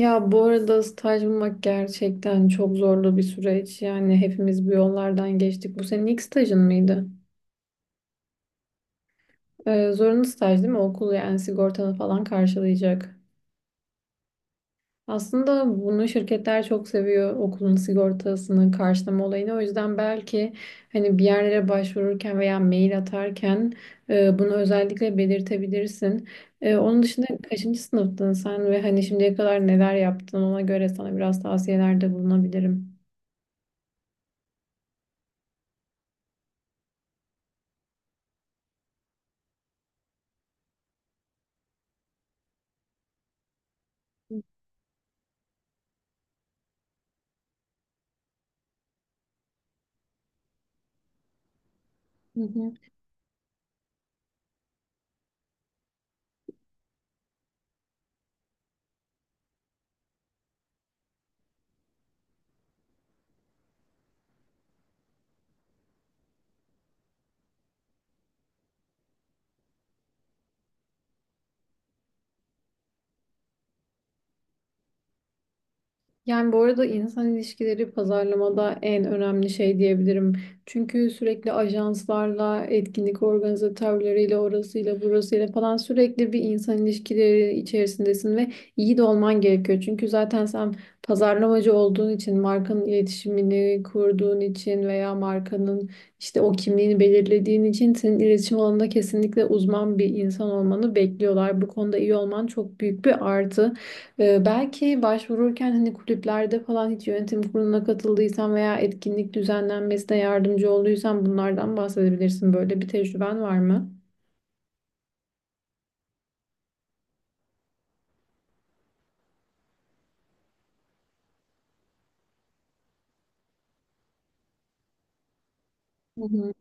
Ya bu arada staj bulmak gerçekten çok zorlu bir süreç. Yani hepimiz bu yollardan geçtik. Bu senin ilk stajın mıydı? Zorunlu staj değil mi? Okul yani sigortanı falan karşılayacak. Aslında bunu şirketler çok seviyor. Okulun sigortasını karşılama olayını. O yüzden belki hani bir yerlere başvururken veya mail atarken bunu özellikle belirtebilirsin. Onun dışında kaçıncı sınıftın sen ve hani şimdiye kadar neler yaptın ona göre sana biraz tavsiyelerde bulunabilirim. Hı hı. Yani bu arada insan ilişkileri pazarlamada en önemli şey diyebilirim. Çünkü sürekli ajanslarla, etkinlik organizatörleriyle, orasıyla, burasıyla falan sürekli bir insan ilişkileri içerisindesin ve iyi de olman gerekiyor. Çünkü zaten sen pazarlamacı olduğun için, markanın iletişimini kurduğun için veya markanın işte o kimliğini belirlediğin için senin iletişim alanında kesinlikle uzman bir insan olmanı bekliyorlar. Bu konuda iyi olman çok büyük bir artı. Belki başvururken hani kulüplerde falan hiç yönetim kuruluna katıldıysan veya etkinlik düzenlenmesine yardımcı olduysan bunlardan bahsedebilirsin. Böyle bir tecrüben var mı? Hı hı.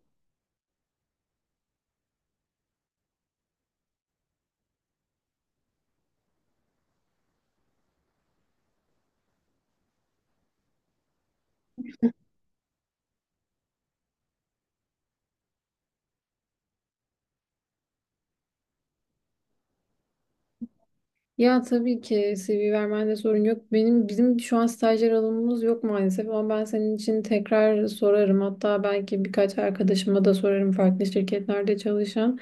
Ya tabii ki CV vermende sorun yok. Benim bizim şu an stajyer alımımız yok maalesef ama ben senin için tekrar sorarım. Hatta belki birkaç arkadaşıma da sorarım farklı şirketlerde çalışan.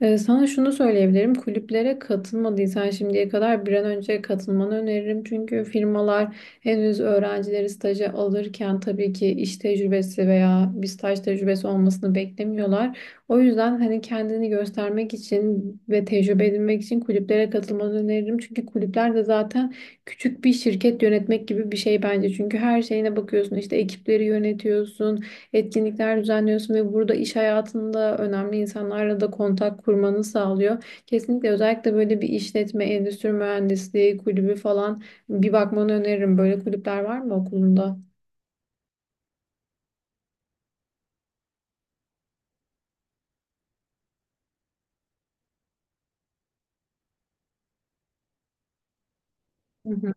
Sana şunu söyleyebilirim. Kulüplere katılmadıysan şimdiye kadar bir an önce katılmanı öneririm. Çünkü firmalar henüz öğrencileri staja alırken tabii ki iş tecrübesi veya bir staj tecrübesi olmasını beklemiyorlar. O yüzden hani kendini göstermek için ve tecrübe edinmek için kulüplere katılmanı öneririm. Çünkü kulüpler de zaten küçük bir şirket yönetmek gibi bir şey bence. Çünkü her şeyine bakıyorsun işte ekipleri yönetiyorsun, etkinlikler düzenliyorsun ve burada iş hayatında önemli insanlarla da kontak kurmanı sağlıyor. Kesinlikle özellikle böyle bir işletme, endüstri mühendisliği kulübü falan bir bakmanı öneririm. Böyle kulüpler var mı okulunda? Hı hı.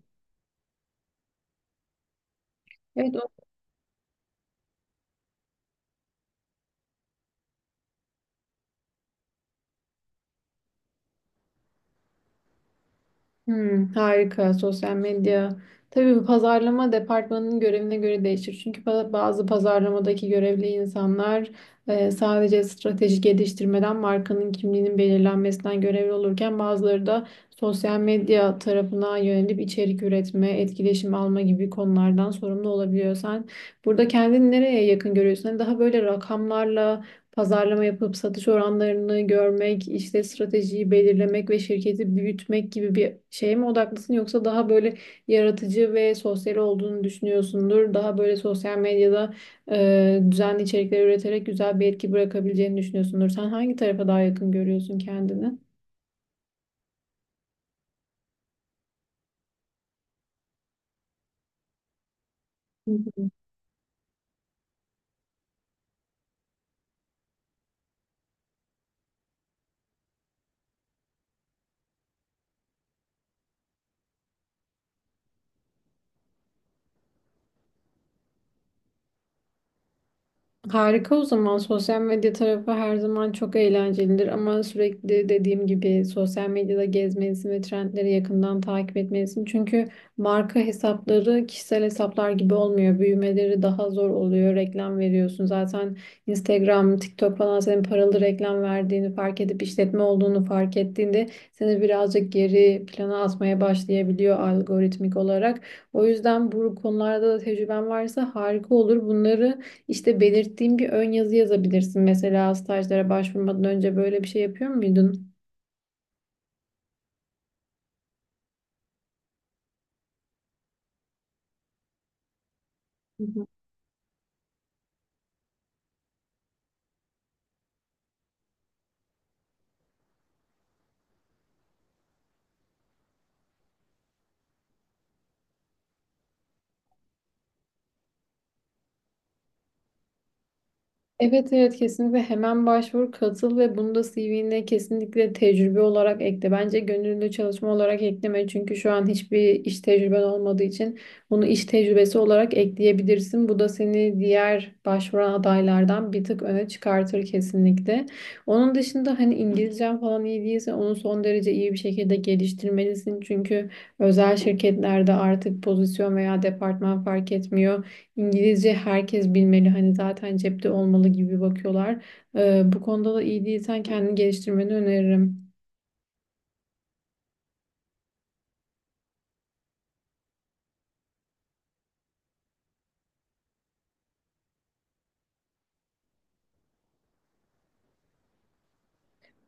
Evet. Harika. Sosyal medya. Tabii bu pazarlama departmanının görevine göre değişir. Çünkü bazı pazarlamadaki görevli insanlar sadece strateji geliştirmeden markanın kimliğinin belirlenmesinden görevli olurken bazıları da sosyal medya tarafına yönelip içerik üretme, etkileşim alma gibi konulardan sorumlu olabiliyor. Sen burada kendini nereye yakın görüyorsun? Hani daha böyle rakamlarla pazarlama yapıp satış oranlarını görmek, işte stratejiyi belirlemek ve şirketi büyütmek gibi bir şeye mi odaklısın yoksa daha böyle yaratıcı ve sosyal olduğunu düşünüyorsundur. Daha böyle sosyal medyada düzenli içerikler üreterek güzel bir etki bırakabileceğini düşünüyorsundur. Sen hangi tarafa daha yakın görüyorsun kendini? Hı hı. Harika, o zaman sosyal medya tarafı her zaman çok eğlencelidir ama sürekli dediğim gibi sosyal medyada gezmelisin ve trendleri yakından takip etmelisin. Çünkü marka hesapları kişisel hesaplar gibi olmuyor. Büyümeleri daha zor oluyor. Reklam veriyorsun. Zaten Instagram, TikTok falan senin paralı reklam verdiğini fark edip işletme olduğunu fark ettiğinde seni birazcık geri plana atmaya başlayabiliyor algoritmik olarak. O yüzden bu konularda da tecrüben varsa harika olur. Bunları işte belirttiğim bir ön yazı yazabilirsin. Mesela stajlara başvurmadan önce böyle bir şey yapıyor muydun? Hı hı. Evet, evet, kesinlikle hemen başvur, katıl ve bunu da CV'ne kesinlikle tecrübe olarak ekle. Bence gönüllü çalışma olarak ekleme çünkü şu an hiçbir iş tecrüben olmadığı için bunu iş tecrübesi olarak ekleyebilirsin. Bu da seni diğer başvuran adaylardan bir tık öne çıkartır kesinlikle. Onun dışında hani İngilizcen falan iyi değilse onu son derece iyi bir şekilde geliştirmelisin. Çünkü özel şirketlerde artık pozisyon veya departman fark etmiyor. İngilizce herkes bilmeli, hani zaten cepte olmalı gibi bakıyorlar. Bu konuda da iyi değilsen kendini geliştirmeni öneririm.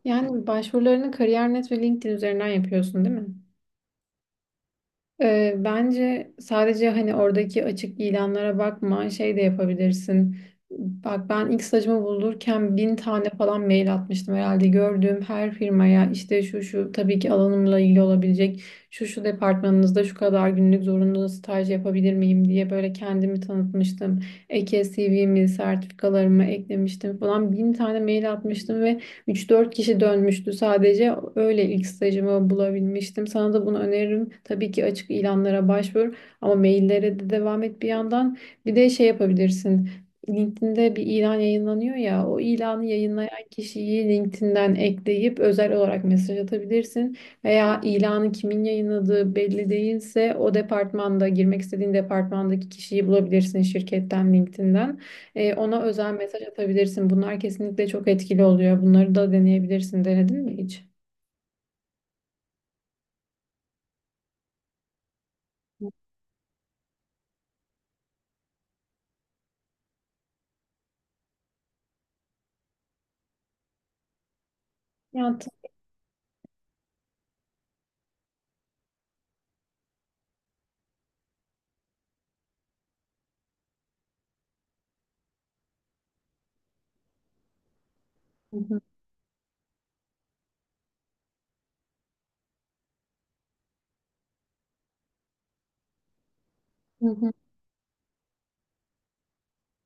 Yani başvurularını Kariyer.net ve LinkedIn üzerinden yapıyorsun, değil mi? Bence sadece hani oradaki açık ilanlara bakma, şey de yapabilirsin. Bak ben ilk stajımı bulurken bin tane falan mail atmıştım herhalde. Gördüğüm her firmaya işte şu şu, tabii ki alanımla ilgili olabilecek şu şu departmanınızda şu kadar günlük zorunlu staj yapabilir miyim diye böyle kendimi tanıtmıştım. Eke CV'mi, sertifikalarımı eklemiştim falan, bin tane mail atmıştım ve üç dört kişi dönmüştü sadece. Öyle ilk stajımı bulabilmiştim. Sana da bunu öneririm. Tabii ki açık ilanlara başvur ama maillere de devam et bir yandan. Bir de şey yapabilirsin. LinkedIn'de bir ilan yayınlanıyor ya, o ilanı yayınlayan kişiyi LinkedIn'den ekleyip özel olarak mesaj atabilirsin. Veya ilanı kimin yayınladığı belli değilse o departmanda girmek istediğin departmandaki kişiyi bulabilirsin şirketten LinkedIn'den. Ona özel mesaj atabilirsin. Bunlar kesinlikle çok etkili oluyor. Bunları da deneyebilirsin. Denedin mi hiç? Ya, t- Hı hı, hı hı.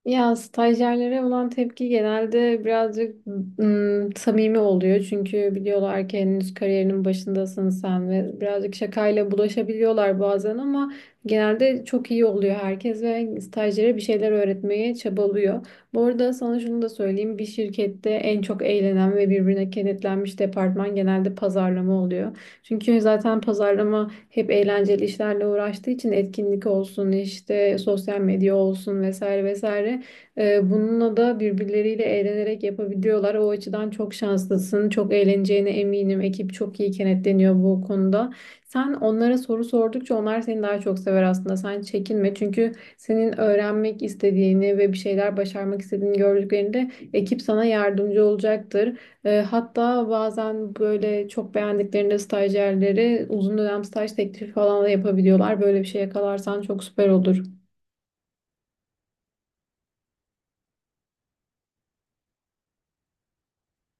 Ya stajyerlere olan tepki genelde birazcık samimi oluyor. Çünkü biliyorlar ki henüz kariyerinin başındasın sen ve birazcık şakayla bulaşabiliyorlar bazen ama genelde çok iyi oluyor herkes ve stajyere bir şeyler öğretmeye çabalıyor. Bu arada sana şunu da söyleyeyim. Bir şirkette en çok eğlenen ve birbirine kenetlenmiş departman genelde pazarlama oluyor. Çünkü zaten pazarlama hep eğlenceli işlerle uğraştığı için etkinlik olsun işte sosyal medya olsun vesaire vesaire. Bununla da birbirleriyle eğlenerek yapabiliyorlar. O açıdan çok şanslısın. Çok eğleneceğine eminim. Ekip çok iyi kenetleniyor bu konuda. Sen onlara soru sordukça onlar seni daha çok sever aslında. Sen çekinme çünkü senin öğrenmek istediğini ve bir şeyler başarmak istediğini gördüklerinde ekip sana yardımcı olacaktır. Hatta bazen böyle çok beğendiklerinde stajyerleri uzun dönem staj teklifi falan da yapabiliyorlar. Böyle bir şey yakalarsan çok süper olur.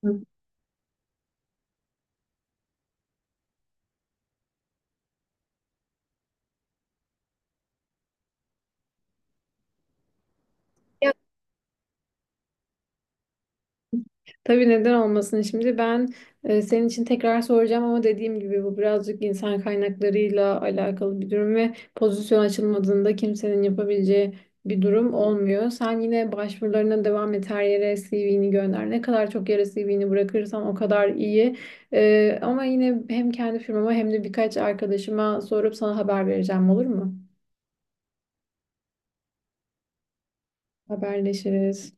Hı. Tabii, neden olmasın, şimdi ben senin için tekrar soracağım ama dediğim gibi bu birazcık insan kaynaklarıyla alakalı bir durum ve pozisyon açılmadığında kimsenin yapabileceği bir durum olmuyor. Sen yine başvurularına devam et, her yere CV'ni gönder. Ne kadar çok yere CV'ni bırakırsan o kadar iyi. Ama yine hem kendi firmama hem de birkaç arkadaşıma sorup sana haber vereceğim, olur mu? Haberleşiriz.